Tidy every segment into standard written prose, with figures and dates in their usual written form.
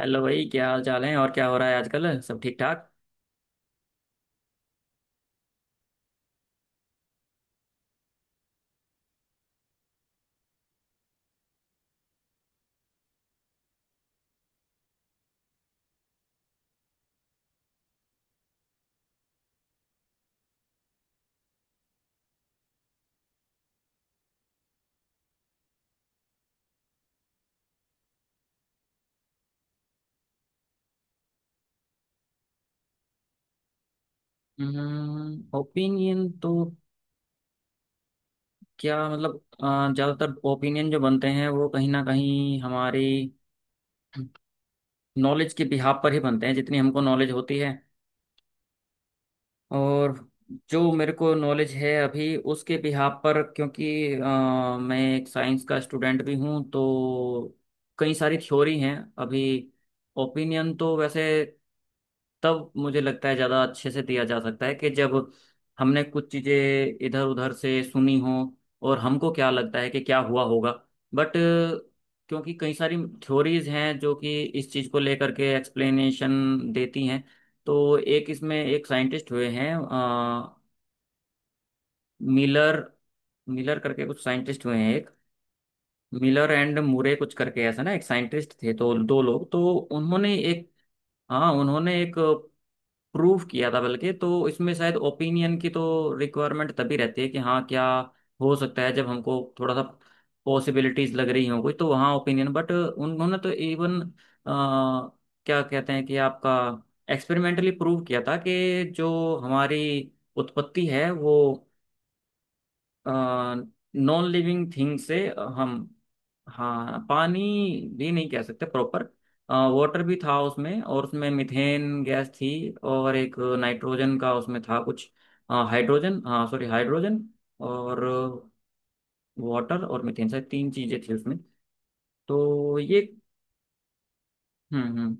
Hello भाई, क्या हाल चाल है? और क्या हो रहा है आजकल? सब ठीक ठाक? ओपिनियन तो क्या मतलब, ज्यादातर ओपिनियन जो बनते हैं वो कहीं ना कहीं हमारी नॉलेज के बिहाव पर ही बनते हैं। जितनी हमको नॉलेज होती है और जो मेरे को नॉलेज है अभी उसके बिहाव पर, क्योंकि मैं एक साइंस का स्टूडेंट भी हूँ। तो कई सारी थ्योरी हैं अभी। ओपिनियन तो वैसे तब मुझे लगता है ज़्यादा अच्छे से दिया जा सकता है कि जब हमने कुछ चीज़ें इधर उधर से सुनी हो और हमको क्या लगता है कि क्या हुआ होगा। बट क्योंकि कई सारी थ्योरीज हैं जो कि इस चीज़ को लेकर के एक्सप्लेनेशन देती हैं। तो एक इसमें एक साइंटिस्ट हुए हैं मिलर मिलर करके कुछ साइंटिस्ट हुए हैं। एक मिलर एंड मुरे कुछ करके ऐसा ना, एक साइंटिस्ट थे, तो दो लोग तो उन्होंने एक, हाँ उन्होंने एक प्रूफ किया था। बल्कि तो इसमें शायद ओपिनियन की तो रिक्वायरमेंट तभी रहती है कि हाँ क्या हो सकता है, जब हमको थोड़ा सा पॉसिबिलिटीज लग रही हो कोई, तो वहाँ ओपिनियन। बट उन्होंने तो इवन क्या कहते हैं कि आपका एक्सपेरिमेंटली प्रूव किया था कि जो हमारी उत्पत्ति है वो नॉन लिविंग थिंग से हम। हाँ, पानी भी नहीं कह सकते प्रॉपर। वाटर भी था उसमें और उसमें मिथेन गैस थी और एक नाइट्रोजन का उसमें था कुछ। हाइड्रोजन, हाँ सॉरी, हाइड्रोजन और वाटर और मिथेन, शायद तीन चीजें थी उसमें। तो ये हम्म। हम्म।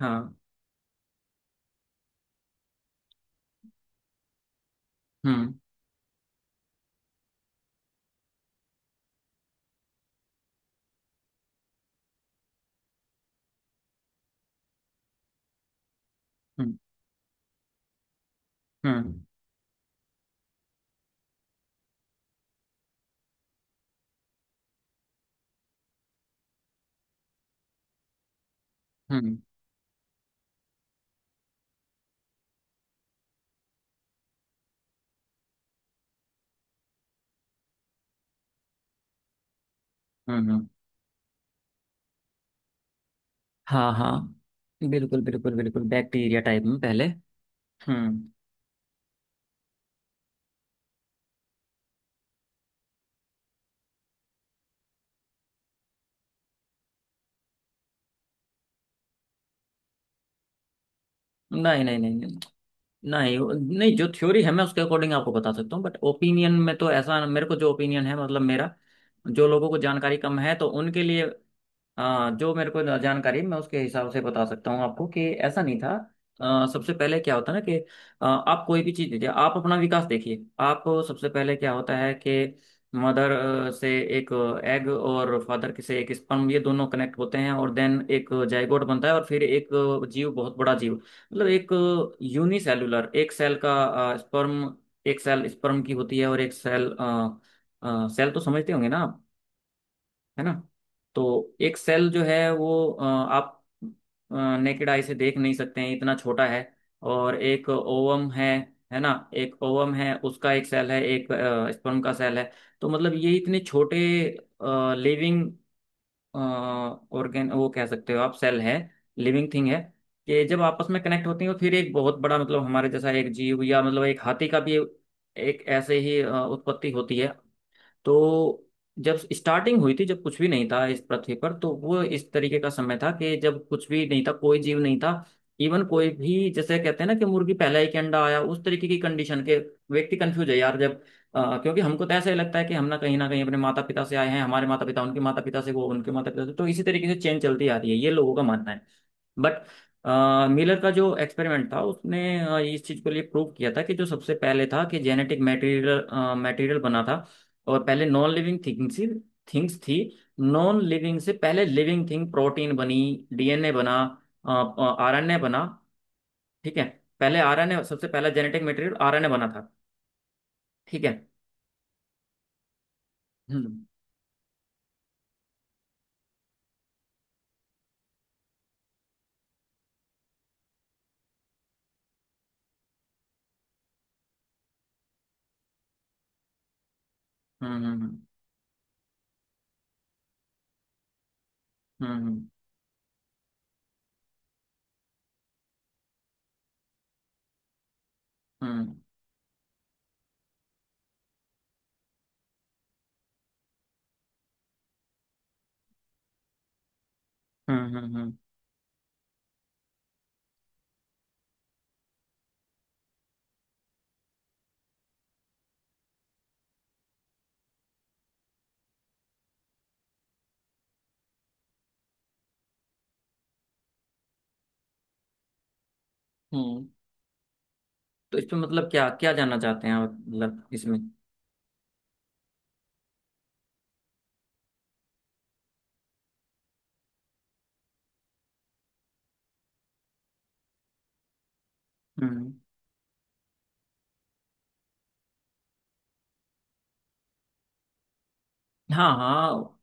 हाँ। हम्म। हम्म। हम्म। हम्म। हम्म। हम्म। हाँ हाँ, बिल्कुल बिल्कुल बिल्कुल, बैक्टीरिया टाइप में पहले। हम्म। नहीं नहीं नहीं नहीं, नहीं, जो थ्योरी है मैं उसके अकॉर्डिंग आपको बता सकता हूँ, बट ओपिनियन में तो ऐसा, मेरे को जो ओपिनियन है मतलब मेरा, जो लोगों को जानकारी कम है तो उनके लिए। हाँ, जो मेरे को जानकारी है, मैं उसके हिसाब से बता सकता हूँ आपको, कि ऐसा नहीं था। सबसे पहले क्या होता है ना कि आप कोई भी चीज़ देखिए, आप अपना विकास देखिए। आप सबसे पहले क्या होता है कि मदर से एक एग और फादर से एक स्पर्म, ये दोनों कनेक्ट होते हैं और देन एक जाइगोट बनता है और फिर एक जीव, बहुत बड़ा जीव। मतलब एक यूनिसेलुलर, एक सेल का स्पर्म, एक सेल स्पर्म की होती है और एक सेल। सेल तो समझते होंगे ना? है ना? तो एक सेल जो है वो आप नेकेड आई से देख नहीं सकते हैं, इतना छोटा है। और एक ओवम है ना? एक ओवम है उसका एक सेल है, एक स्पर्म का सेल है। तो मतलब ये इतने छोटे लिविंग ऑर्गेन, वो कह सकते हो आप, सेल है, लिविंग थिंग है, कि जब आपस में कनेक्ट होती हैं तो फिर एक बहुत बड़ा मतलब हमारे जैसा एक जीव या मतलब एक हाथी का भी एक ऐसे ही उत्पत्ति होती है। तो जब स्टार्टिंग हुई थी, जब कुछ भी नहीं था इस पृथ्वी पर, तो वो इस तरीके का समय था कि जब कुछ भी नहीं था, कोई जीव नहीं था। इवन कोई भी, जैसे कहते हैं ना कि मुर्गी पहला ही के अंडा आया, उस तरीके की कंडीशन के व्यक्ति कंफ्यूज है यार जब क्योंकि हमको तो ऐसा ही लगता है कि हम ना कहीं अपने माता पिता से आए हैं, हमारे माता पिता उनके माता पिता से, वो उनके माता पिता से, तो इसी तरीके से चेन चलती आ रही है, ये लोगों का मानना है। बट मिलर का जो एक्सपेरिमेंट था उसने इस चीज को लिए प्रूव किया था कि जो सबसे पहले था कि जेनेटिक मटेरियल, बना था। और पहले नॉन लिविंग थिंग्स ही थिंग्स थी। नॉन लिविंग से पहले लिविंग थिंग प्रोटीन बनी, डीएनए बना, आरएनए बना। ठीक है। पहले आरएनए, सबसे पहला जेनेटिक मटेरियल आरएनए बना था। ठीक है। हम्म। हम्म। हम्म। हम्म। हम्म। हम्म। हम्म। हम्म। हम्म। तो इसमें मतलब क्या क्या जानना चाहते हैं आप, मतलब इसमें। हम्म। हाँ हाँ,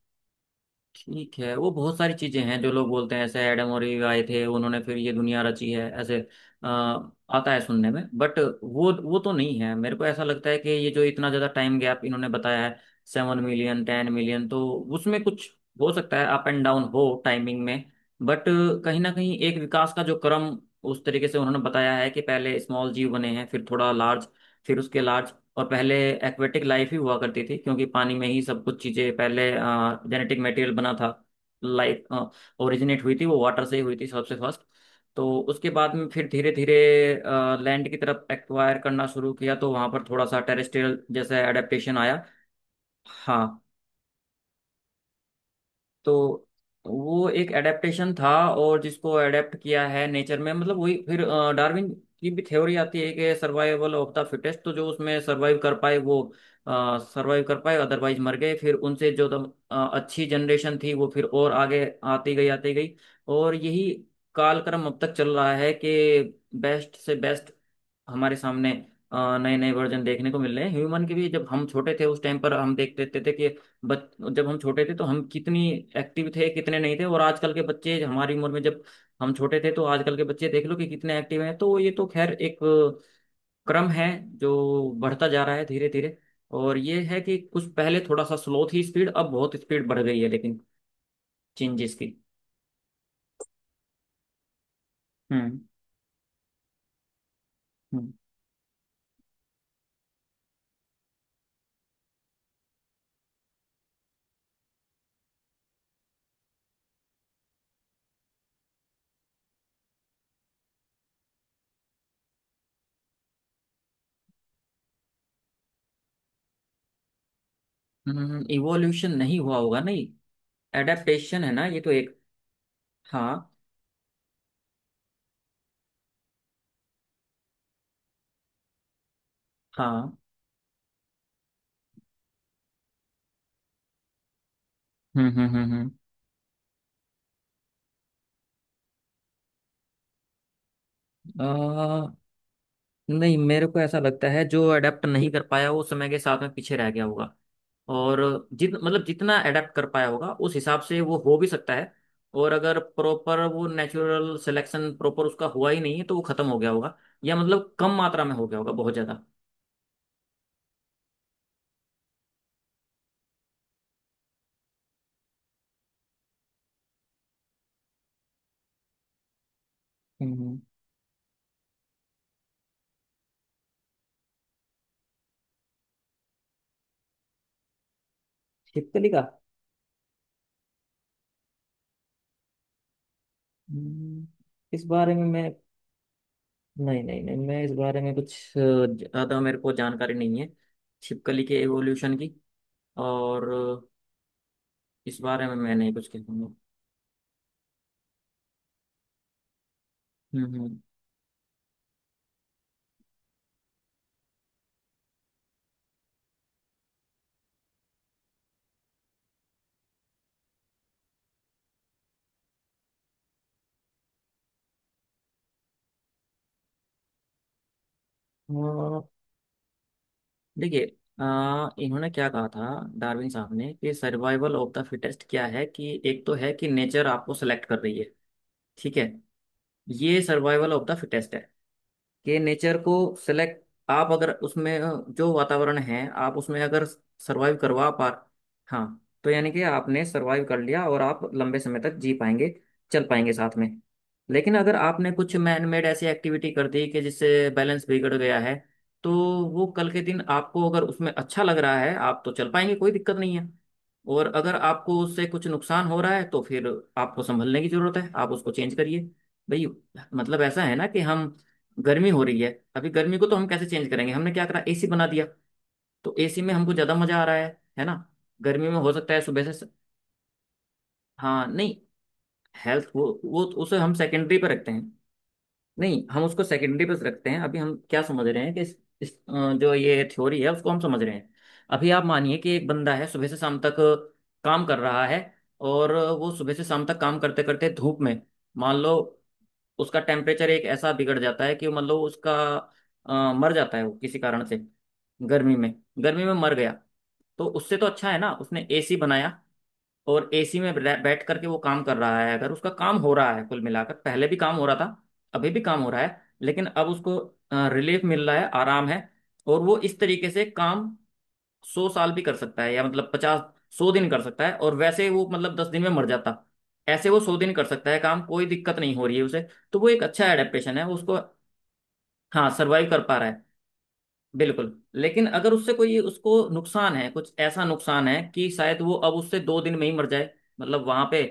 ठीक है, वो बहुत सारी चीजें हैं जो लोग बोलते हैं ऐसे, एडम और ईव आए थे, उन्होंने फिर ये दुनिया रची है, ऐसे आता है सुनने में। बट वो तो नहीं है, मेरे को ऐसा लगता है कि ये जो इतना ज्यादा टाइम गैप इन्होंने बताया है, सेवन मिलियन, टेन मिलियन, तो उसमें कुछ हो सकता है अप एंड डाउन हो टाइमिंग में। बट कहीं ना कहीं एक विकास का जो क्रम उस तरीके से उन्होंने बताया है कि पहले स्मॉल जीव बने हैं, फिर थोड़ा लार्ज, फिर उसके लार्ज। और पहले एक्वेटिक लाइफ ही हुआ करती थी, क्योंकि पानी में ही सब कुछ चीज़ें पहले जेनेटिक मटेरियल बना था। लाइफ ओरिजिनेट हुई थी वो वाटर से ही हुई थी सबसे फर्स्ट। तो उसके बाद में फिर धीरे धीरे लैंड की तरफ एक्वायर करना शुरू किया, तो वहाँ पर थोड़ा सा टेरेस्ट्रियल जैसा एडेप्टेशन आया। हाँ। तो वो एक एडेप्टेशन था, और जिसको एडेप्ट किया है नेचर में, मतलब वही फिर डार्विन की भी थ्योरी आती है कि सर्वाइवल ऑफ द फिटेस्ट। तो जो उसमें सर्वाइव कर पाए वो सर्वाइव कर पाए, अदरवाइज मर गए। फिर उनसे जो दम, अच्छी जनरेशन थी वो फिर और आगे आती गई, आती गई। और यही कालक्रम अब तक चल रहा है कि बेस्ट से बेस्ट हमारे सामने नए नए वर्जन देखने को मिल रहे हैं ह्यूमन के भी। जब हम छोटे थे उस टाइम पर हम देख देते थे कि बच, जब हम छोटे थे तो हम कितनी एक्टिव थे कितने नहीं थे, और आजकल के बच्चे हमारी उम्र में, जब हम छोटे थे तो आजकल के बच्चे देख लो कि कितने एक्टिव हैं। तो ये तो खैर एक क्रम है जो बढ़ता जा रहा है धीरे धीरे। और ये है कि कुछ पहले थोड़ा सा स्लो थी स्पीड, अब बहुत स्पीड बढ़ गई है, लेकिन चेंजेस की। हम्म। हम्म। इवोल्यूशन नहीं हुआ होगा, नहीं। एडेप्टेशन है ना, ये तो एक। हाँ। हाँ। हम्म। हम्म। हम्म। हम्म। आ, नहीं, मेरे को ऐसा लगता है जो अडेप्ट नहीं कर पाया वो समय के साथ में पीछे रह गया होगा। और जित मतलब जितना अडेप्ट कर पाया होगा उस हिसाब से वो हो भी सकता है। और अगर प्रॉपर वो नेचुरल सिलेक्शन प्रॉपर उसका हुआ ही नहीं है तो वो खत्म हो गया होगा या मतलब कम मात्रा में हो गया होगा बहुत ज्यादा। हम्म। छिपकली का। हम्म। इस बारे में मैं, नहीं नहीं नहीं, मैं इस बारे में कुछ ज्यादा मेरे को जानकारी नहीं है, छिपकली के एवोल्यूशन की। और इस बारे में मैं नहीं कुछ कहूंगा। हम्म। हम्म। देखिए, अ, इन्होंने क्या कहा था डार्विन साहब ने कि सर्वाइवल ऑफ द फिटेस्ट क्या है, कि एक तो है कि नेचर आपको सेलेक्ट कर रही है, ठीक है। ये सर्वाइवल ऑफ द फिटेस्ट है कि नेचर को सिलेक्ट, आप अगर उसमें जो वातावरण है आप उसमें अगर सरवाइव करवा पा, हाँ, तो यानी कि आपने सरवाइव कर लिया और आप लंबे समय तक जी पाएंगे, चल पाएंगे साथ में। लेकिन अगर आपने कुछ मैन मेड ऐसी एक्टिविटी कर दी कि जिससे बैलेंस बिगड़ गया है, तो वो कल के दिन आपको अगर उसमें अच्छा लग रहा है आप तो चल पाएंगे, कोई दिक्कत नहीं है। और अगर आपको उससे कुछ नुकसान हो रहा है तो फिर आपको संभलने की जरूरत है, आप उसको चेंज करिए भाई। मतलब ऐसा है ना कि हम, गर्मी हो रही है अभी, गर्मी को तो हम कैसे चेंज करेंगे? हमने क्या करा, एसी बना दिया। तो एसी में हमको ज्यादा मजा आ रहा है ना। गर्मी में हो सकता है सुबह से, हाँ नहीं, हेल्थ वो, तो उसे हम सेकेंडरी पे रखते हैं। नहीं, हम उसको सेकेंडरी पे रखते हैं। अभी हम क्या समझ रहे हैं कि इस जो ये थ्योरी है उसको हम समझ रहे हैं। अभी आप मानिए कि एक बंदा है, सुबह से शाम तक काम कर रहा है। और वो सुबह से शाम तक काम करते करते धूप में, मान लो उसका टेम्परेचर एक ऐसा बिगड़ जाता है कि मान लो उसका मर जाता है वो किसी कारण से, गर्मी में, गर्मी में मर गया। तो उससे तो अच्छा है ना उसने एसी बनाया, और एसी में बैठ करके वो काम कर रहा है। अगर उसका काम हो रहा है कुल मिलाकर, पहले भी काम हो रहा था, अभी भी काम हो रहा है, लेकिन अब उसको रिलीफ मिल रहा है, आराम है। और वो इस तरीके से काम 100 साल भी कर सकता है, या मतलब 50 100 दिन कर सकता है, और वैसे वो मतलब 10 दिन में मर जाता, ऐसे वो 100 दिन कर सकता है काम, कोई दिक्कत नहीं हो रही है उसे। तो वो एक अच्छा एडेप्टेशन है उसको। हाँ सर्वाइव कर पा रहा है बिल्कुल। लेकिन अगर उससे कोई उसको नुकसान है, कुछ ऐसा नुकसान है कि शायद वो अब उससे 2 दिन में ही मर जाए, मतलब वहां पे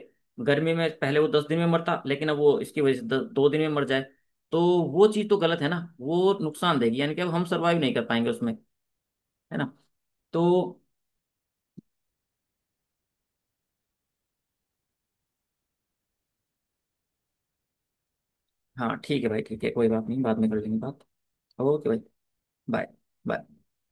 गर्मी में पहले वो 10 दिन में मरता लेकिन अब वो इसकी वजह से 2 दिन में मर जाए, तो वो चीज़ तो गलत है ना, वो नुकसान देगी, यानी कि अब हम सर्वाइव नहीं कर पाएंगे उसमें। है ना? तो हाँ ठीक है भाई, ठीक है कोई बात नहीं, बाद में कर लेंगे बात। ओके भाई। बाय। बाय।